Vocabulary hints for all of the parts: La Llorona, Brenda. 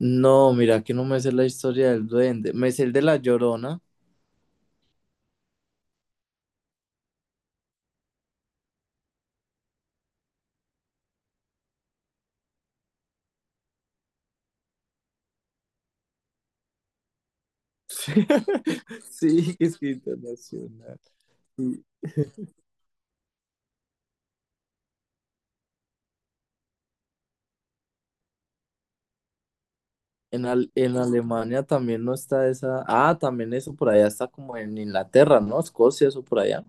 No, mira que no me sé la historia del duende. Me sé el de la Llorona. Sí, es que internacional. Y En Alemania también no está esa. Ah, también eso por allá está como en Inglaterra, ¿no? Escocia, eso por allá.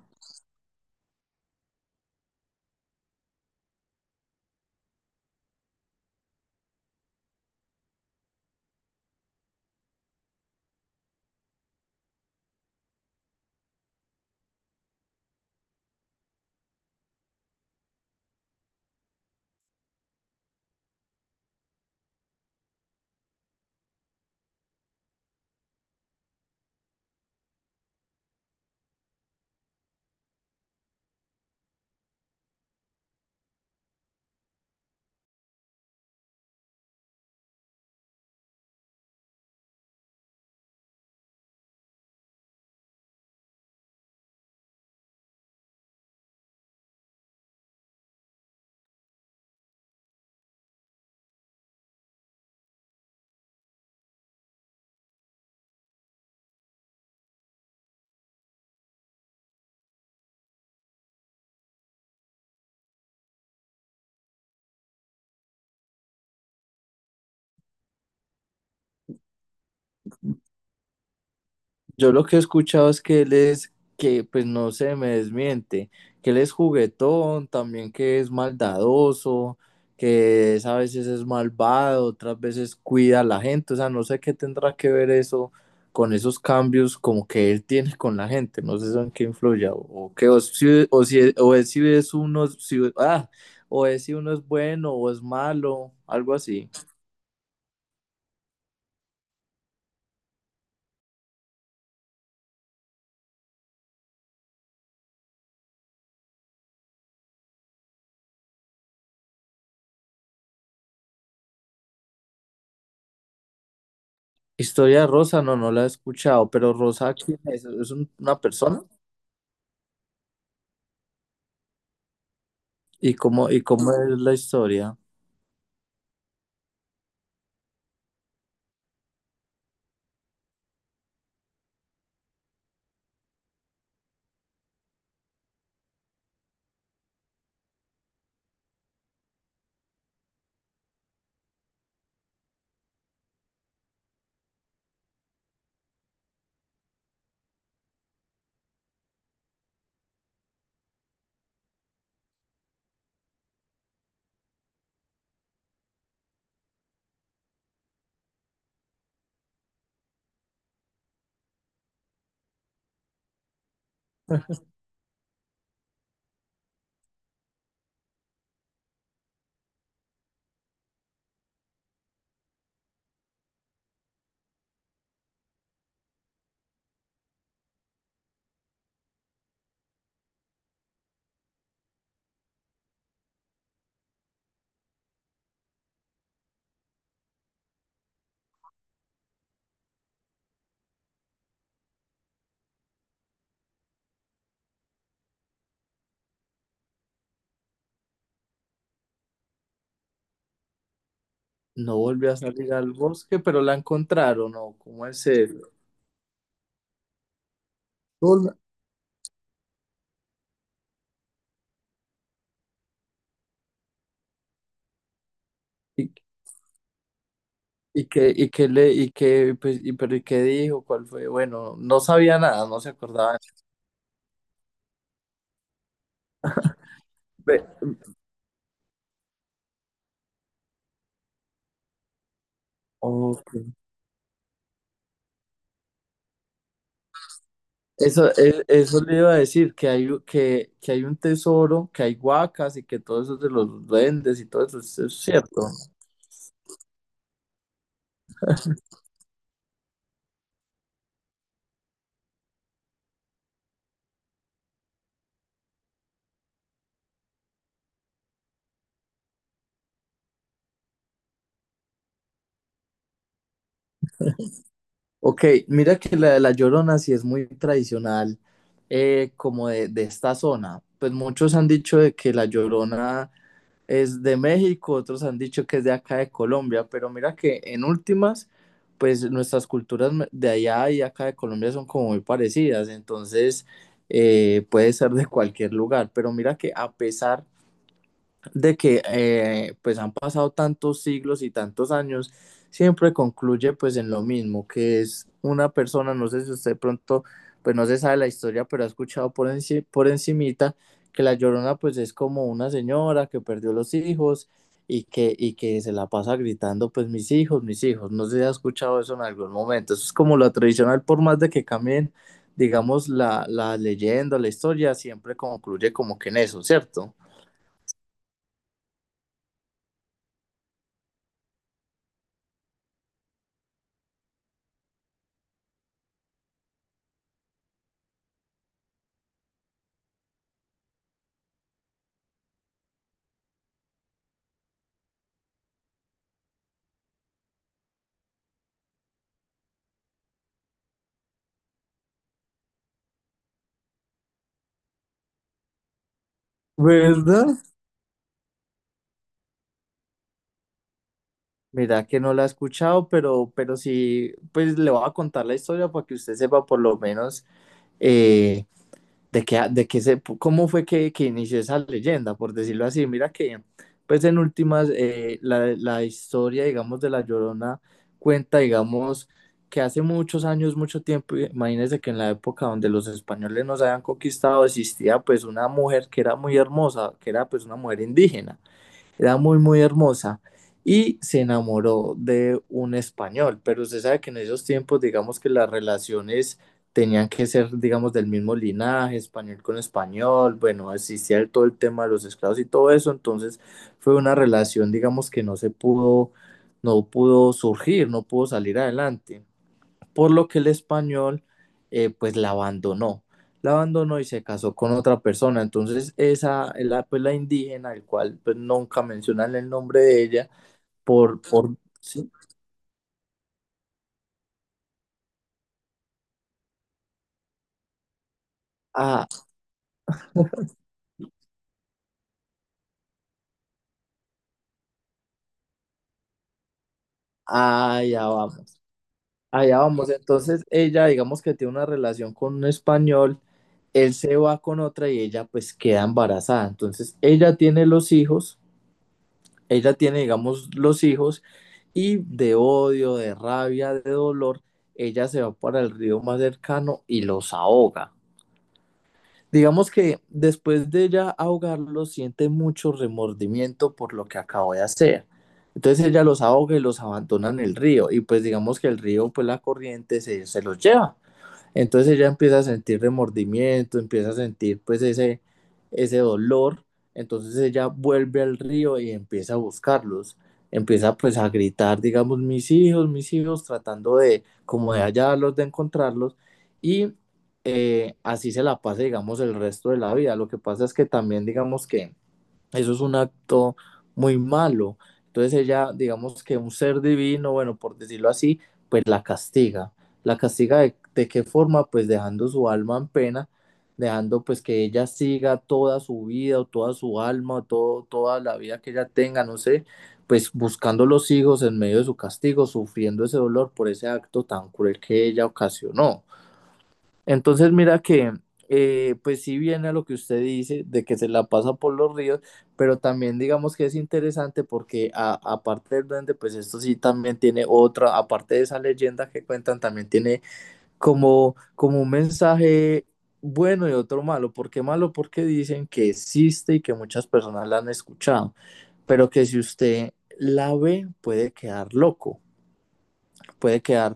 Yo lo que he escuchado es que él es, que pues no se me desmiente, que él es juguetón, también que es maldadoso, a veces es malvado, otras veces cuida a la gente, o sea, no sé qué tendrá que ver eso con esos cambios como que él tiene con la gente, no sé eso en qué influye, o que o si, o si, o es, si es uno, o es si uno es bueno o es malo, algo así. Historia de Rosa, no la he escuchado, pero Rosa, ¿quién es? ¿ Una persona? Y cómo es la historia? No volvió a salir al bosque, pero la encontraron, ¿no? ¿Cómo es el... Hola. ¿Y, y qué le, y qué, pues, y, pero, ¿y qué dijo? ¿Cuál fue? Bueno, no sabía nada, no se acordaba. Ve- ok. Eso, eso le iba a decir, que hay un tesoro, que hay huacas y que todo eso es de los duendes y todo eso, eso es cierto. Ok, mira que la de La Llorona sí es muy tradicional, como de esta zona. Pues muchos han dicho de que La Llorona es de México, otros han dicho que es de acá de Colombia, pero mira que en últimas, pues nuestras culturas de allá y acá de Colombia son como muy parecidas, entonces puede ser de cualquier lugar, pero mira que a pesar de que pues han pasado tantos siglos y tantos años, siempre concluye pues en lo mismo, que es una persona, no sé si usted pronto, pues no se sabe la historia, pero ha escuchado por, por encimita que la Llorona pues es como una señora que perdió los hijos y que se la pasa gritando pues mis hijos, no sé si ha escuchado eso en algún momento, eso es como lo tradicional, por más de que cambien, digamos, la leyenda, la historia, siempre concluye como que en eso, ¿cierto? ¿Verdad? Mira que no la he escuchado, pero sí, pues le voy a contar la historia para que usted sepa por lo menos eh, de qué, cómo fue que inició esa leyenda, por decirlo así. Mira que, pues en últimas, la, la historia, digamos, de La Llorona cuenta, digamos, que hace muchos años, mucho tiempo, imagínense que en la época donde los españoles nos habían conquistado, existía pues una mujer que era muy hermosa, que era pues una mujer indígena, era muy, muy hermosa. Y se enamoró de un español, pero usted sabe que en esos tiempos, digamos que las relaciones tenían que ser, digamos, del mismo linaje, español con español, bueno, existía todo el tema de los esclavos y todo eso, entonces fue una relación, digamos, que no se pudo, no pudo surgir, no pudo salir adelante por lo que el español pues la abandonó y se casó con otra persona. Entonces esa, la, pues la indígena, el cual pues nunca mencionan el nombre de ella, por, por, sí, ah, allá vamos, allá vamos. Entonces ella digamos que tiene una relación con un español, él se va con otra y ella pues queda embarazada. Entonces ella tiene los hijos, ella tiene, digamos, los hijos y de odio, de rabia, de dolor, ella se va para el río más cercano y los ahoga. Digamos que después de ella ahogarlos, siente mucho remordimiento por lo que acabó de hacer. Entonces ella los ahoga y los abandona en el río y pues digamos que el río, pues la corriente se, se los lleva. Entonces ella empieza a sentir remordimiento, empieza a sentir pues ese dolor. Entonces ella vuelve al río y empieza a buscarlos. Empieza pues a gritar, digamos, mis hijos, tratando de como de hallarlos, de encontrarlos. Y así se la pasa, digamos, el resto de la vida. Lo que pasa es que también, digamos que eso es un acto muy malo. Entonces ella, digamos que un ser divino, bueno, por decirlo así, pues la castiga. ¿La castiga de qué forma? Pues dejando su alma en pena, dejando pues que ella siga toda su vida o toda su alma o todo, toda la vida que ella tenga, no sé, pues buscando los hijos en medio de su castigo, sufriendo ese dolor por ese acto tan cruel que ella ocasionó. Entonces, mira que, pues sí viene a lo que usted dice, de que se la pasa por los ríos, pero también digamos que es interesante porque aparte del duende, pues esto sí también tiene otra, aparte de esa leyenda que cuentan, también tiene como, como un mensaje bueno y otro malo. ¿Por qué malo? Porque dicen que existe y que muchas personas la han escuchado, pero que si usted la ve puede quedar loco, puede quedar